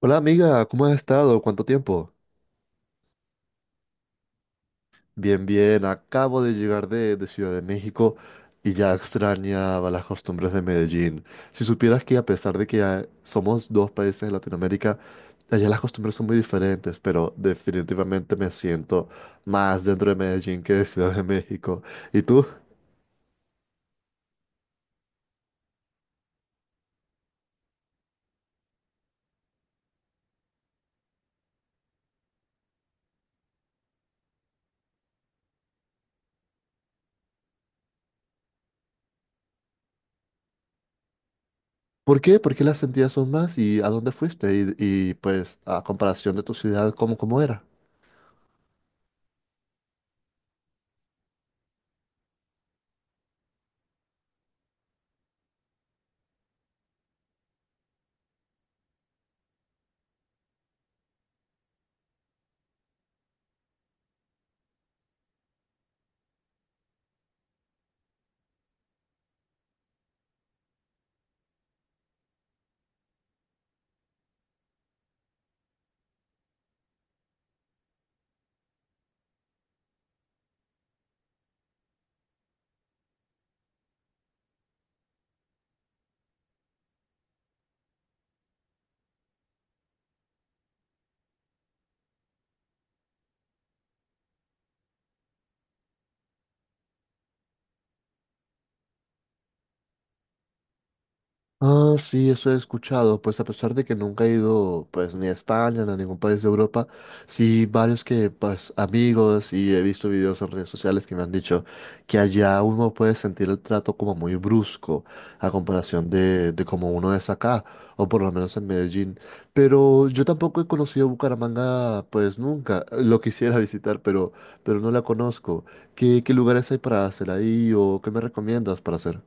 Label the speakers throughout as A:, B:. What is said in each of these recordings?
A: Hola amiga, ¿cómo has estado? ¿Cuánto tiempo? Bien, bien, acabo de llegar de Ciudad de México y ya extrañaba las costumbres de Medellín. Si supieras que a pesar de que somos dos países de Latinoamérica, allá las costumbres son muy diferentes, pero definitivamente me siento más dentro de Medellín que de Ciudad de México. ¿Y tú? ¿Por qué? ¿Por qué las sentías son más? ¿Y a dónde fuiste? Pues a comparación de tu ciudad, ¿ cómo era? Ah, sí, eso he escuchado. Pues a pesar de que nunca he ido, pues ni a España ni a ningún país de Europa, sí varios que, pues amigos, y he visto videos en redes sociales que me han dicho que allá uno puede sentir el trato como muy brusco a comparación de como uno es acá, o por lo menos en Medellín. Pero yo tampoco he conocido Bucaramanga, pues nunca. Lo quisiera visitar, pero no la conozco. ¿ qué lugares hay para hacer ahí o qué me recomiendas para hacer?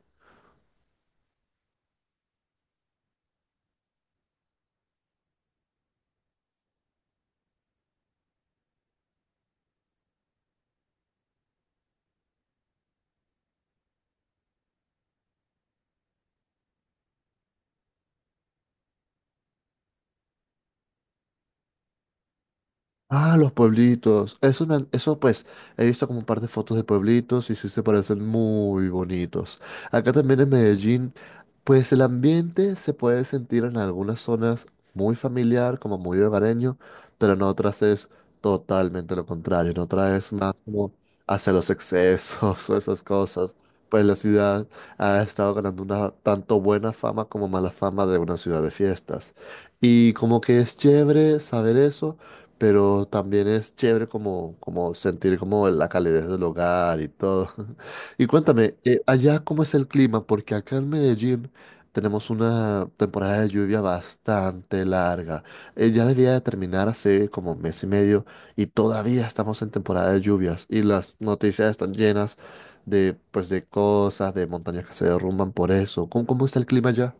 A: Ah, los pueblitos. Eso, eso pues, he visto como un par de fotos de pueblitos y sí se parecen muy bonitos. Acá también en Medellín, pues el ambiente se puede sentir en algunas zonas muy familiar, como muy hogareño, pero en otras es totalmente lo contrario. En otras es más como hacia los excesos o esas cosas. Pues la ciudad ha estado ganando una tanto buena fama como mala fama de una ciudad de fiestas. Y como que es chévere saber eso, pero también es chévere como, como sentir como la calidez del hogar y todo. Y cuéntame, allá cómo es el clima, porque acá en Medellín tenemos una temporada de lluvia bastante larga. Ya debía de terminar hace como mes y medio y todavía estamos en temporada de lluvias y las noticias están llenas de, pues, de cosas, de montañas que se derrumban por eso. ¿Cómo, cómo está el clima allá?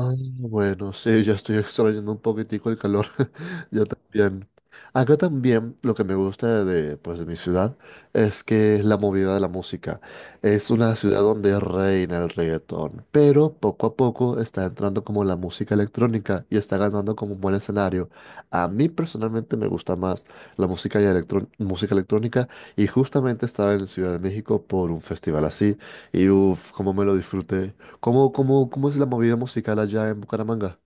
A: Ah, bueno, sí, ya estoy extrayendo un poquitico el calor. Yo también. Acá también lo que me gusta de, pues, de mi ciudad es que es la movida de la música. Es una ciudad donde reina el reggaetón, pero poco a poco está entrando como la música electrónica y está ganando como un buen escenario. A mí personalmente me gusta más la música, música electrónica, y justamente estaba en Ciudad de México por un festival así y uff, cómo me lo disfruté. ¿Cómo, cómo, cómo es la movida musical allá en Bucaramanga?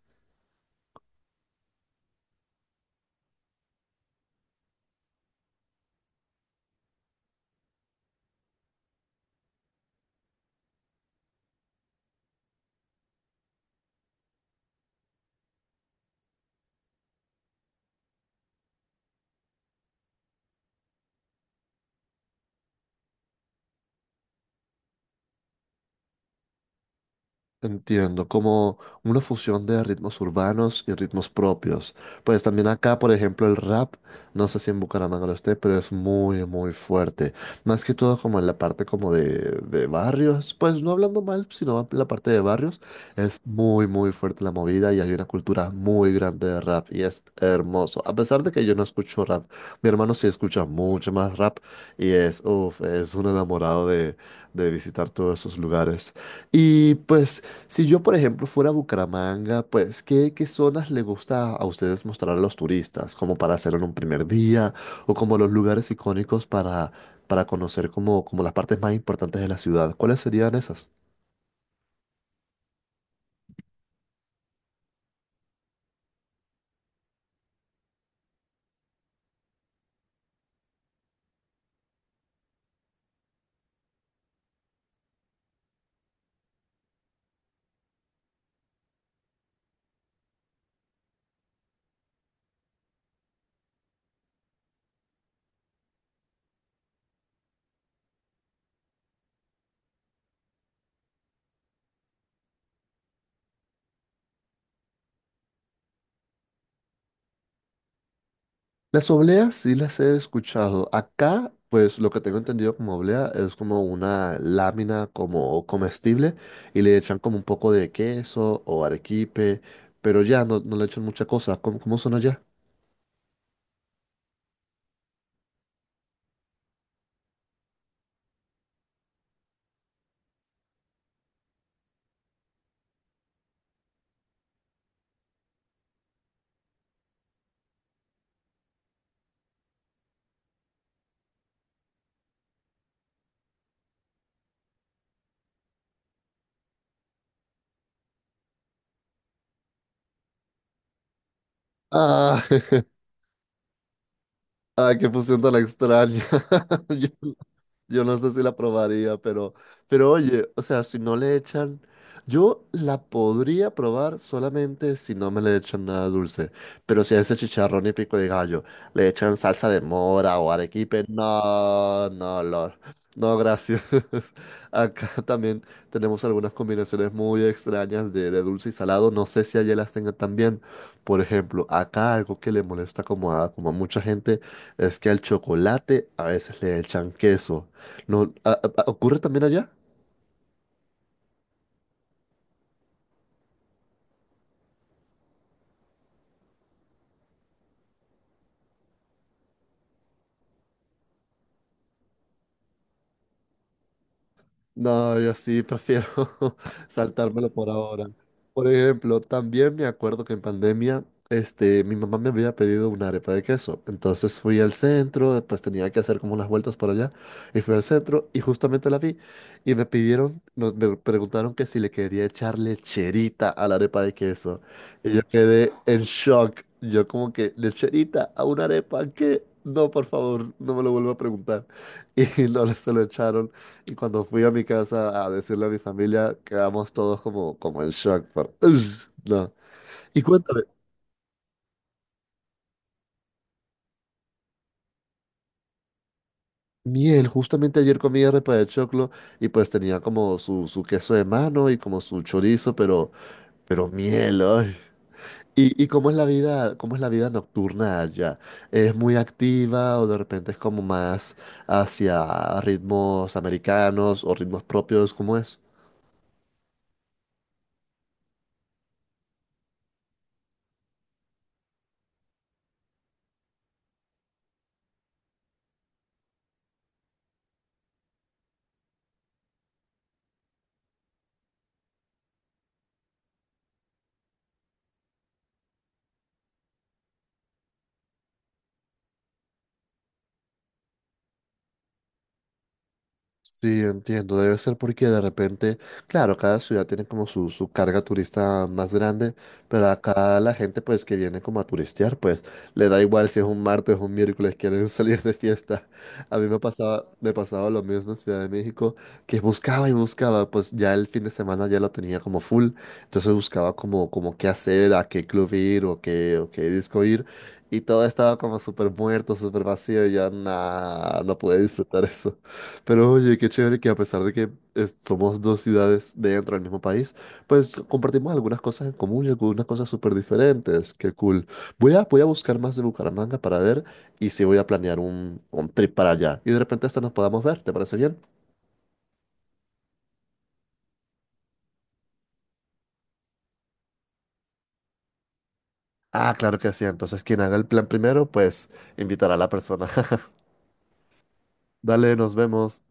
A: Entiendo, como una fusión de ritmos urbanos y ritmos propios. Pues también acá, por ejemplo, el rap, no sé si en Bucaramanga lo esté, pero es muy, muy fuerte. Más que todo como en la parte como de barrios, pues no hablando mal, sino en la parte de barrios, es muy, muy fuerte la movida y hay una cultura muy grande de rap y es hermoso. A pesar de que yo no escucho rap, mi hermano sí escucha mucho más rap y es, uff, es un enamorado de visitar todos esos lugares. Y pues si yo, por ejemplo, fuera a Bucaramanga, pues, ¿ qué zonas le gusta a ustedes mostrar a los turistas? Como para hacerlo en un primer día, o como los lugares icónicos para conocer como, como las partes más importantes de la ciudad. ¿Cuáles serían esas? Las obleas sí las he escuchado. Acá, pues, lo que tengo entendido como oblea es como una lámina como comestible y le echan como un poco de queso o arequipe, pero ya no, no le echan mucha cosa. ¿Cómo, cómo son allá? Ah, ay, qué fusión tan extraña. Yo no sé si la probaría, pero oye, o sea, si no le echan, yo la podría probar solamente si no me le echan nada dulce. Pero si a ese chicharrón y pico de gallo le echan salsa de mora o arequipe, no, no, no, no, gracias. Acá también tenemos algunas combinaciones muy extrañas de dulce y salado. No sé si allá las tengan también. Por ejemplo, acá algo que le molesta como como a mucha gente es que al chocolate a veces le echan queso. No, a- ocurre también allá? No, yo sí prefiero saltármelo por ahora. Por ejemplo, también me acuerdo que en pandemia, este, mi mamá me había pedido una arepa de queso. Entonces fui al centro, pues tenía que hacer como unas vueltas por allá. Y fui al centro y justamente la vi. Y me pidieron, me preguntaron que si le quería echar lecherita a la arepa de queso. Y yo quedé en shock. Yo como que, ¿lecherita a una arepa? ¿Qué? No, por favor, no me lo vuelvo a preguntar. Y no le se lo echaron. Y cuando fui a mi casa a decirle a mi familia, quedamos todos como, como en shock. "Ugh, no." Y cuéntame, miel, justamente ayer comí arepa de choclo y pues tenía como su queso de mano y como su chorizo, pero miel, ay. ¿Y cómo es la vida, cómo es la vida nocturna allá? ¿Es muy activa o de repente es como más hacia ritmos americanos o ritmos propios? ¿Cómo es? Sí, entiendo. Debe ser porque de repente, claro, cada ciudad tiene como su carga turista más grande, pero acá la gente pues que viene como a turistear, pues le da igual si es un martes o un miércoles, quieren salir de fiesta. A mí me pasaba lo mismo en Ciudad de México, que buscaba y buscaba, pues ya el fin de semana ya lo tenía como full, entonces buscaba como, como qué hacer, a qué club ir o qué disco ir, y todo estaba como súper muerto, súper vacío, y ya nada, no pude disfrutar, pero oye, qué chévere que a pesar de que somos dos ciudades dentro del mismo país, pues compartimos algunas cosas en común y algunas cosas súper diferentes. Qué cool. Voy a buscar más de Bucaramanga para ver y si voy a planear un trip para allá. Y de repente hasta nos podamos ver, ¿te parece bien? Ah, claro que sí. Entonces quien haga el plan primero, pues invitará a la persona. Dale, nos vemos.